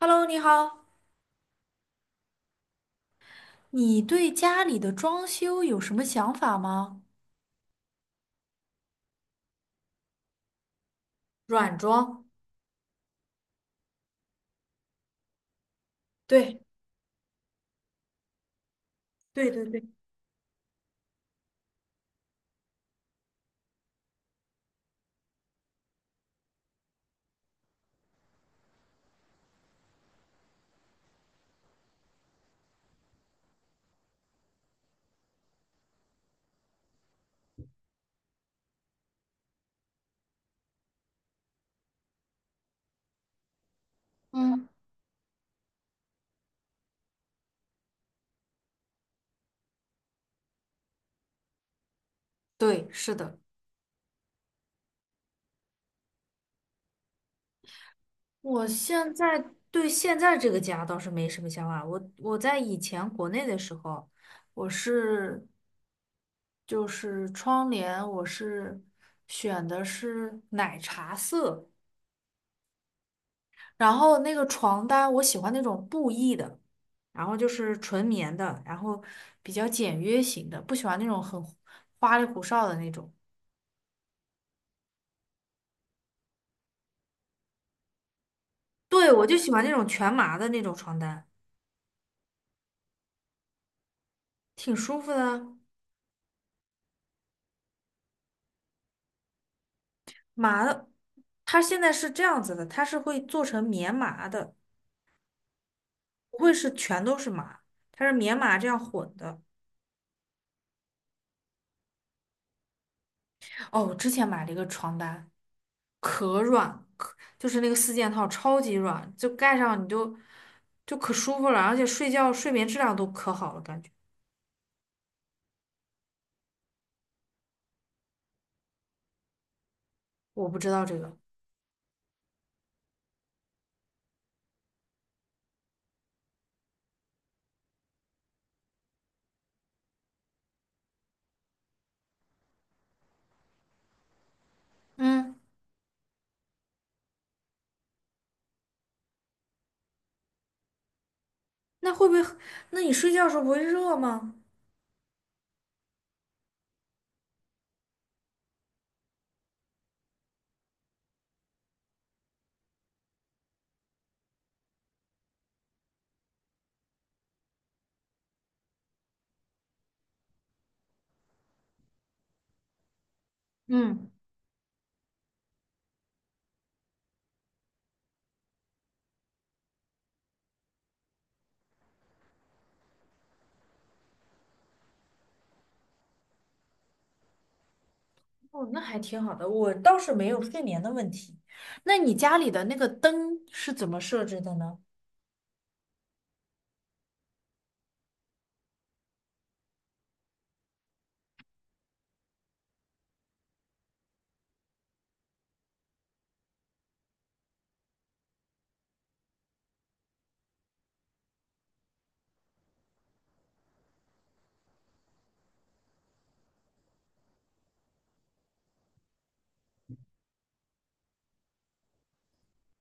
Hello，你好，你对家里的装修有什么想法吗？软装，对，对对对，嗯，对，是的。我现在对现在这个家倒是没什么想法。我在以前国内的时候，我是就是窗帘，我是选的是奶茶色，然后那个床单，我喜欢那种布艺的，然后就是纯棉的，然后比较简约型的，不喜欢那种很花里胡哨的那种。对，我就喜欢那种全麻的那种床单，挺舒服的啊。麻的，它现在是这样子的，它是会做成棉麻的，不会是全都是麻，它是棉麻这样混的。哦，我之前买了一个床单，可软，可就是那个四件套超级软，就盖上你就可舒服了，而且睡觉睡眠质量都可好了，感觉。我不知道这个，嗯那会不会？那你睡觉的时候不会热吗？嗯，哦，那还挺好的，我倒是没有睡眠的问题。那你家里的那个灯是怎么设置的呢？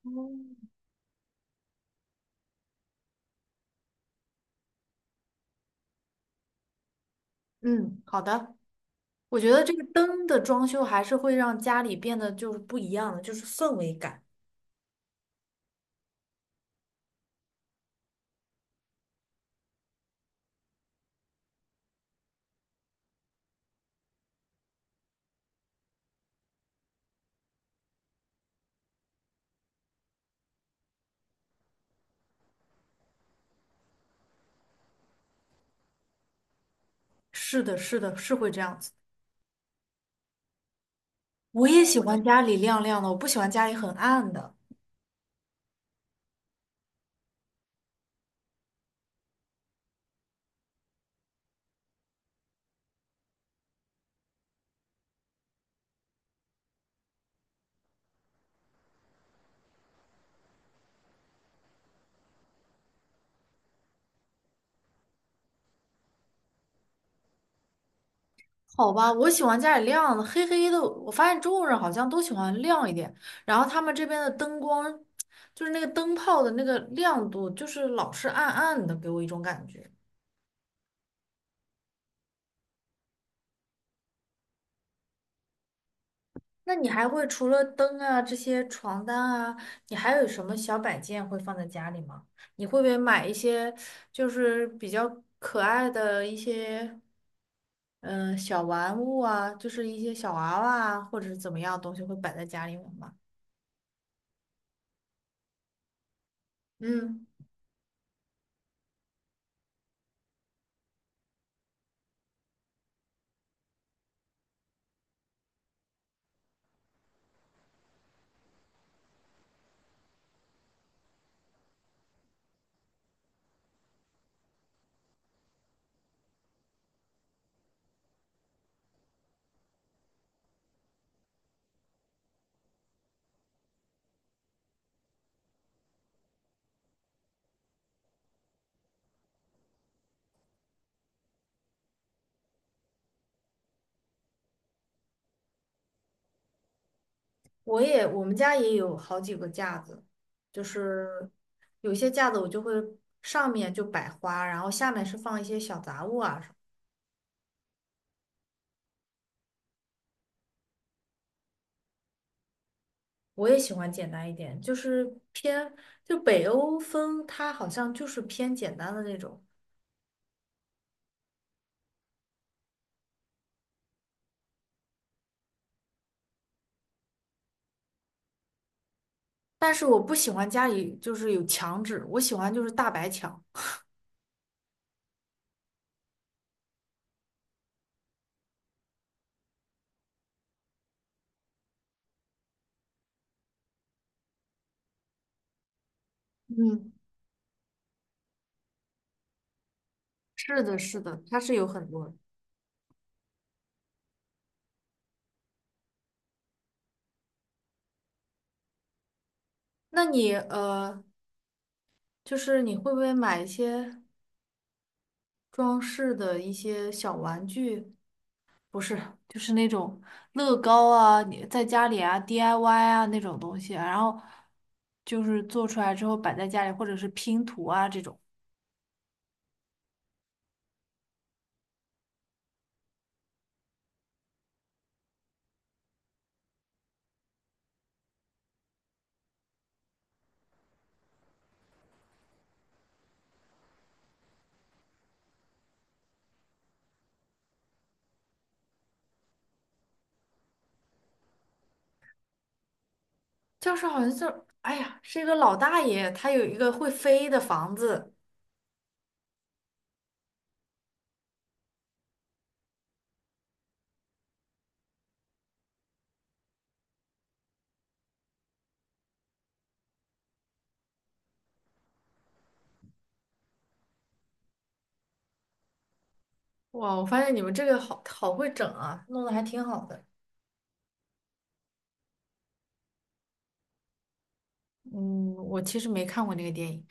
哦嗯，好的。我觉得这个灯的装修还是会让家里变得就是不一样的，就是氛围感。是的，是的，是会这样子。我也喜欢家里亮亮的，我不喜欢家里很暗的。好吧，我喜欢家里亮的，黑黑的。我发现中国人好像都喜欢亮一点，然后他们这边的灯光，就是那个灯泡的那个亮度，就是老是暗暗的，给我一种感觉。那你还会除了灯啊这些床单啊，你还有什么小摆件会放在家里吗？你会不会买一些就是比较可爱的一些小玩物啊，就是一些小娃娃啊，或者是怎么样的东西会摆在家里面吗？嗯，我们家也有好几个架子，就是有些架子我就会上面就摆花，然后下面是放一些小杂物啊。我也喜欢简单一点，就是偏，就北欧风，它好像就是偏简单的那种。但是我不喜欢家里就是有墙纸，我喜欢就是大白墙。嗯，是的，是的，它是有很多的那你就是你会不会买一些装饰的一些小玩具？不是，就是那种乐高啊，你在家里啊 DIY 啊那种东西啊，然后就是做出来之后摆在家里，或者是拼图啊这种。教室好像就，哎呀，是一个老大爷，他有一个会飞的房子。哇，我发现你们这个好好会整啊，弄得还挺好的。嗯，我其实没看过那个电影。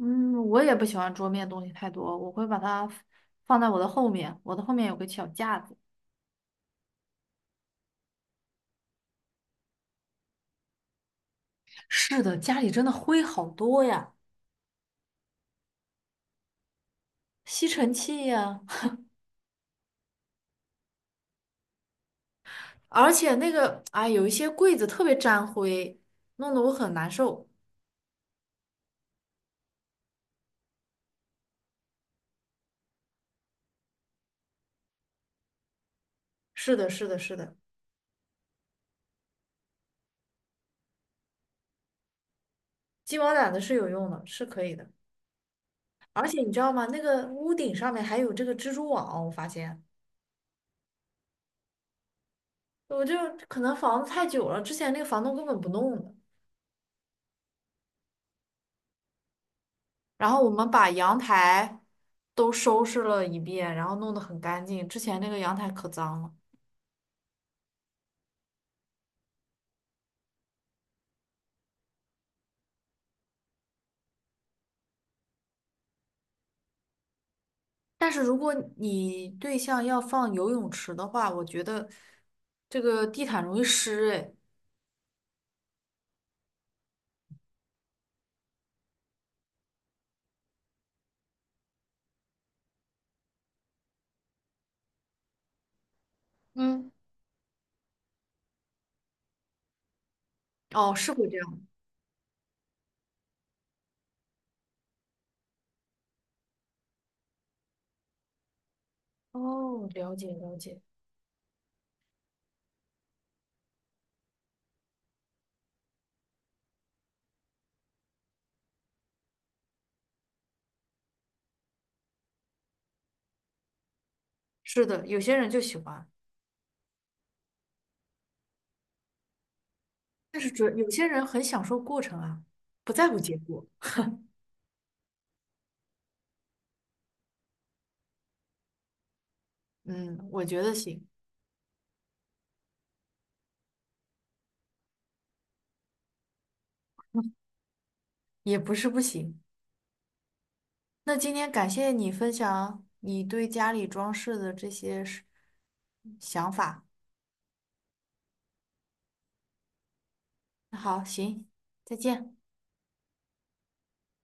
嗯，我也不喜欢桌面东西太多，我会把它放在我的后面，我的后面有个小架子。是的，家里真的灰好多呀，吸尘器呀，而且那个，哎，有一些柜子特别沾灰，弄得我很难受。是的，是的，是的，鸡毛掸子是有用的，是可以的。而且你知道吗？那个屋顶上面还有这个蜘蛛网，我发现，我就可能房子太久了，之前那个房东根本不弄的。然后我们把阳台都收拾了一遍，然后弄得很干净。之前那个阳台可脏了。但是如果你对象要放游泳池的话，我觉得这个地毯容易湿，哎，嗯，哦，是会这样。哦，了解了解。是的，有些人就喜欢，但是主有些人很享受过程啊，不在乎结果。嗯，我觉得行，也不是不行。那今天感谢你分享你对家里装饰的这些是想法。那好，行，再见。